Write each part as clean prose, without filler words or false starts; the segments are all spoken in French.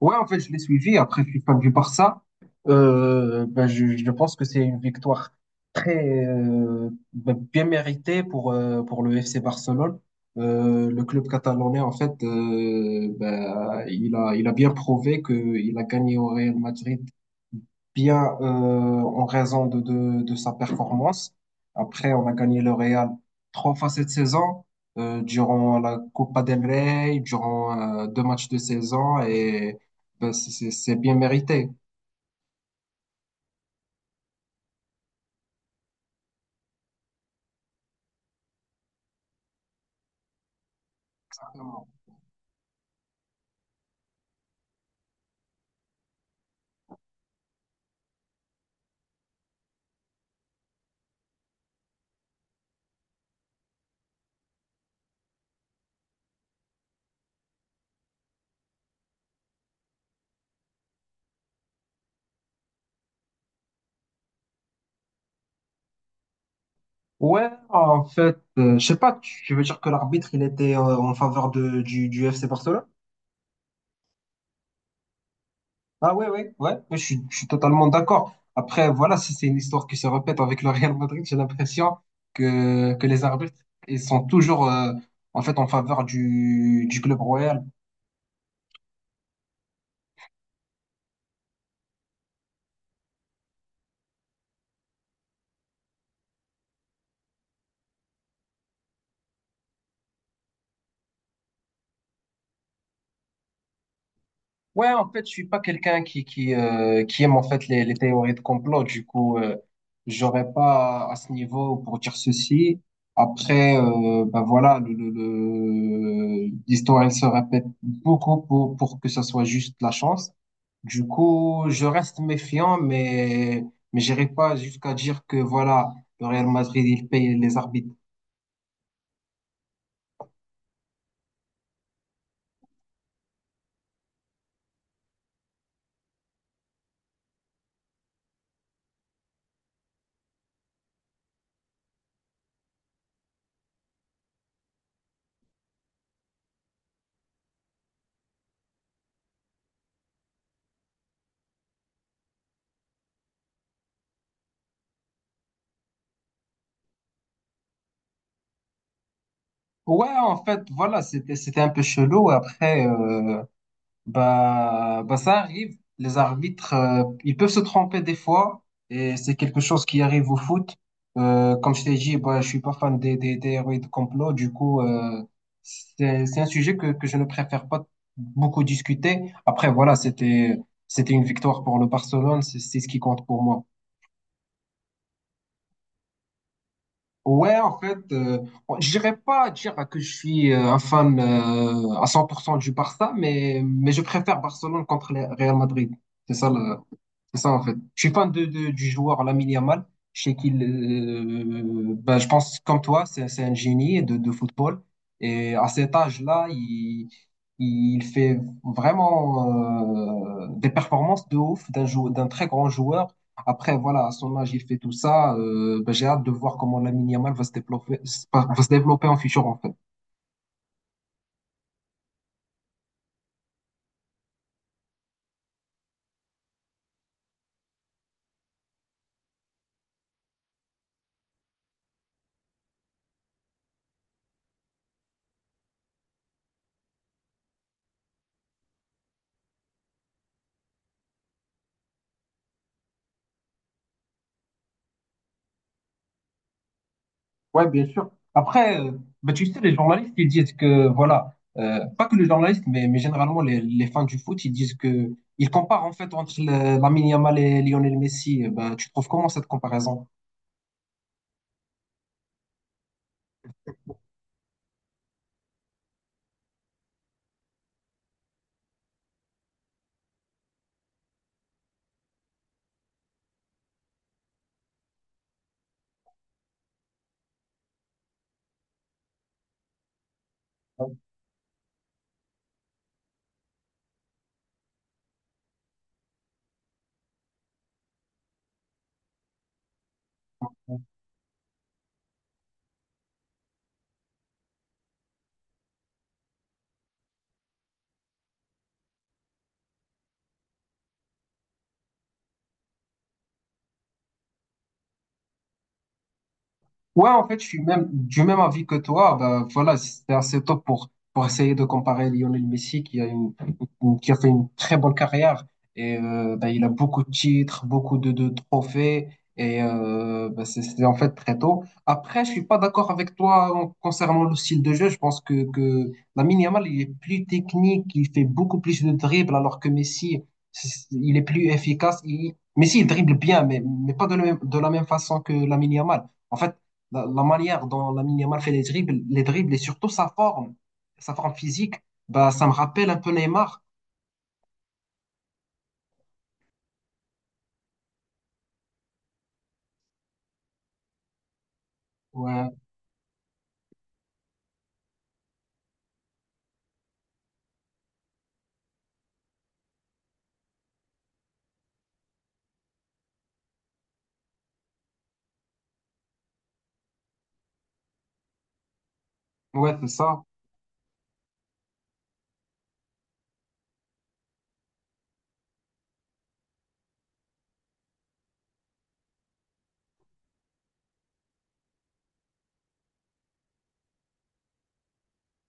Ouais, en fait, je l'ai suivi. Après, je suis fan du Barça. Je pense que c'est une victoire très bien méritée pour le FC Barcelone. Le club catalanais, en fait, il a bien prouvé qu'il a gagné au Real Madrid bien en raison de sa performance. Après, on a gagné le Real trois fois cette saison, durant la Copa del Rey, durant deux matchs de saison, et ben, c'est bien mérité. Je sais pas, tu veux dire que l'arbitre, il était en faveur de, du FC Barcelone? Ah ouais, ouais, ouais, ouais, je suis totalement d'accord. Après, voilà, si c'est une histoire qui se répète avec le Real Madrid, j'ai l'impression que les arbitres, ils sont toujours en fait en faveur du club royal. Ouais, en fait, je suis pas quelqu'un qui qui aime en fait les théories de complot. Du coup, j'aurais pas à à ce niveau pour dire ceci. Après, voilà, l'histoire elle se répète beaucoup pour que ça soit juste la chance. Du coup, je reste méfiant, mais j'irai pas jusqu'à dire que voilà, le Real Madrid il paye les arbitres. Voilà, c'était un peu chelou. Après, bah ça arrive. Les arbitres, ils peuvent se tromper des fois, et c'est quelque chose qui arrive au foot. Comme je t'ai dit, bah, je suis pas fan des héros et de complot. Du coup, c'est un sujet que je ne préfère pas beaucoup discuter. Après, voilà, c'était une victoire pour le Barcelone. C'est ce qui compte pour moi. Ouais, en fait, euh, je dirais pas dire que je suis un fan à 100% du Barça, mais je préfère Barcelone contre le Real Madrid. C'est ça le, c'est ça, en fait. Je suis fan de, du joueur Lamine Yamal. Je sais qu'il, je pense, comme toi, c'est un génie de football. Et à cet âge-là, il fait vraiment des performances de ouf d'un très grand joueur. Après, voilà, à son âge, il fait tout ça. J'ai hâte de voir comment Lamine Yamal va se développer en futur, en fait. Ouais, bien sûr. Après, bah, tu sais, les journalistes, ils disent que, voilà, pas que les journalistes, mais généralement les fans du foot, ils disent que, ils comparent en fait entre Lamine Yamal et Lionel Messi. Bah, tu trouves comment cette comparaison? Je suis même du même avis que toi. Ben, voilà, c'était assez tôt pour essayer de comparer Lionel Messi, qui a une, qui a fait une très bonne carrière. Et il a beaucoup de titres, beaucoup de trophées. Et c'est en fait très tôt. Après, je suis pas d'accord avec toi concernant le style de jeu. Je pense que Lamine Yamal, il est plus technique, il fait beaucoup plus de dribbles, alors que Messi, il est plus efficace. Messi, il dribble bien, mais pas de la même, de la même façon que Lamine Yamal. En fait, la manière dont Lamine Yamal fait les dribbles et surtout sa forme physique, bah, ça me rappelle un peu Neymar. Ouais, ouais, c'est ça.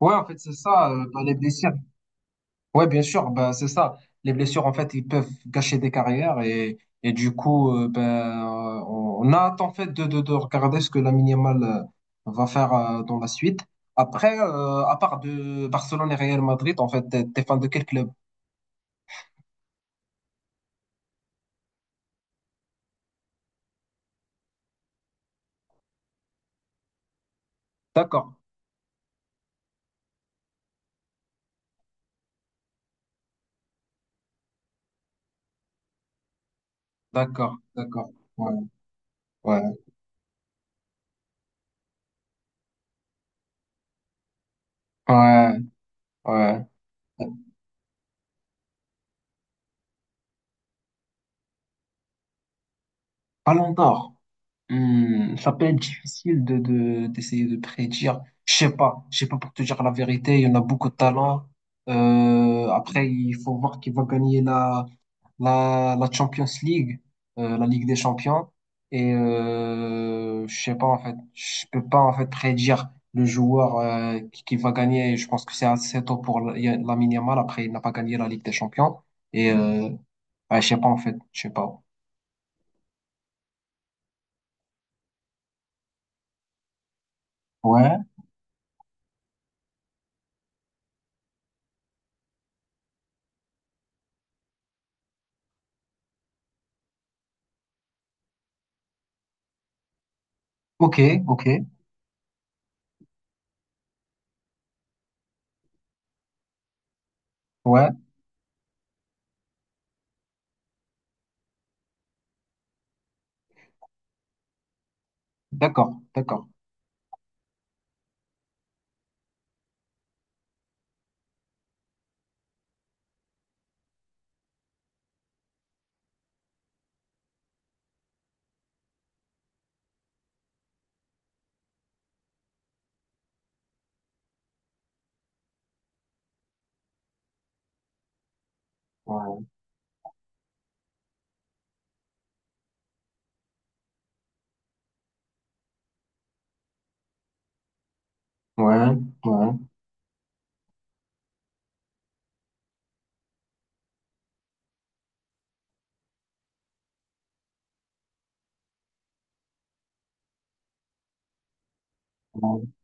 C'est ça, bah, les blessures. Ouais, bien sûr, bah, c'est ça. Les blessures, en fait, ils peuvent gâcher des carrières et du coup, on a hâte, en fait, de regarder ce que Lamine Yamal va faire dans la suite. Après, à part de Barcelone et Real Madrid, en fait, t'es fan de quel club? D'accord, d'accord, d'accord. Ouais, ouais, ouais, ouais. Ballon d'or. Hmm, ça peut être difficile de, d'essayer de prédire. Je sais pas pour te dire la vérité. Il y en a beaucoup de talents. Après, il faut voir qui va gagner la, la, la Champions League, la Ligue des Champions. Et je sais pas en fait, je peux pas en fait prédire le joueur qui va gagner. Et je pense que c'est assez tôt pour Lamine Yamal. Après, il n'a pas gagné la Ligue des Champions. Et ouais, je sais pas en fait, je sais pas. Ouais. Ok, ok. Ouais. D'accord, d'accord. Ouais, ouais, ouais, ouais.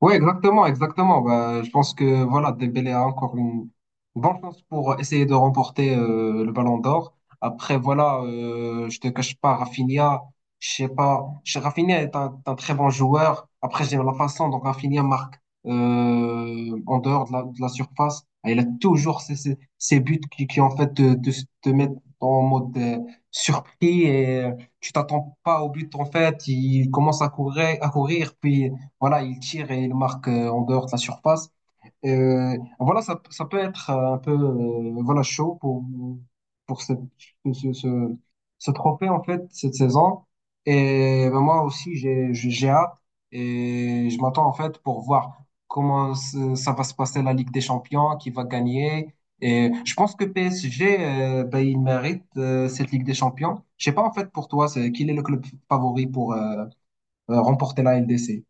Oui, exactement, exactement. Bah, je pense que voilà, Dembélé a encore une bonne chance pour essayer de remporter le Ballon d'Or. Après, voilà, je te cache pas, Rafinha, je sais pas, Rafinha est un très bon joueur. Après, j'aime la façon dont Rafinha marque en dehors de la surface. Et il a toujours ces, ces, ces buts qui en fait te, te, te mettent en mode surpris et tu t'attends pas au but en fait. Il commence à courir, puis voilà, il tire et il marque en dehors de la surface. Voilà, ça peut être un peu voilà, chaud pour ce, ce, ce, ce trophée, en fait, cette saison. Et ben, moi aussi, j'ai hâte et je m'attends, en fait, pour voir comment ça va se passer la Ligue des Champions, qui va gagner. Et je pense que PSG, il mérite cette Ligue des Champions. Je sais pas, en fait, pour toi, c'est, quel est le club favori pour, remporter la LDC.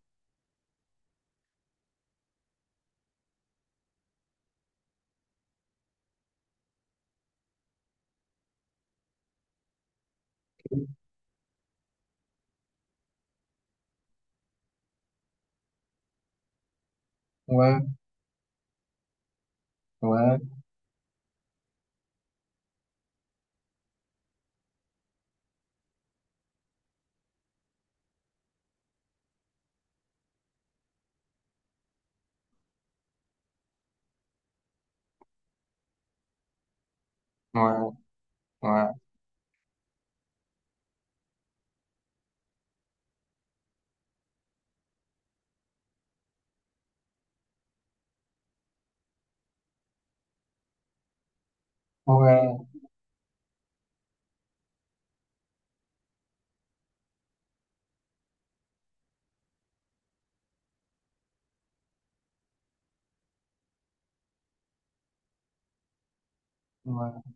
Ouais, ouais, ouais, ouais, ouais, ouais.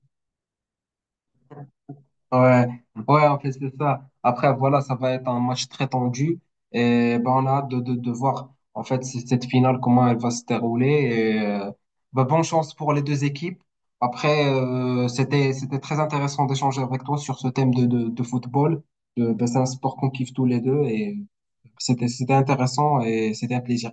Ouais, c'est ça. Après, voilà, ça va être un match très tendu. Et ben, on a hâte de voir, en fait, cette finale, comment elle va se dérouler. Et, bonne chance pour les deux équipes. Après, c'était très intéressant d'échanger avec toi sur ce thème de football. C'est un sport qu'on kiffe tous les deux et c'était intéressant et c'était un plaisir.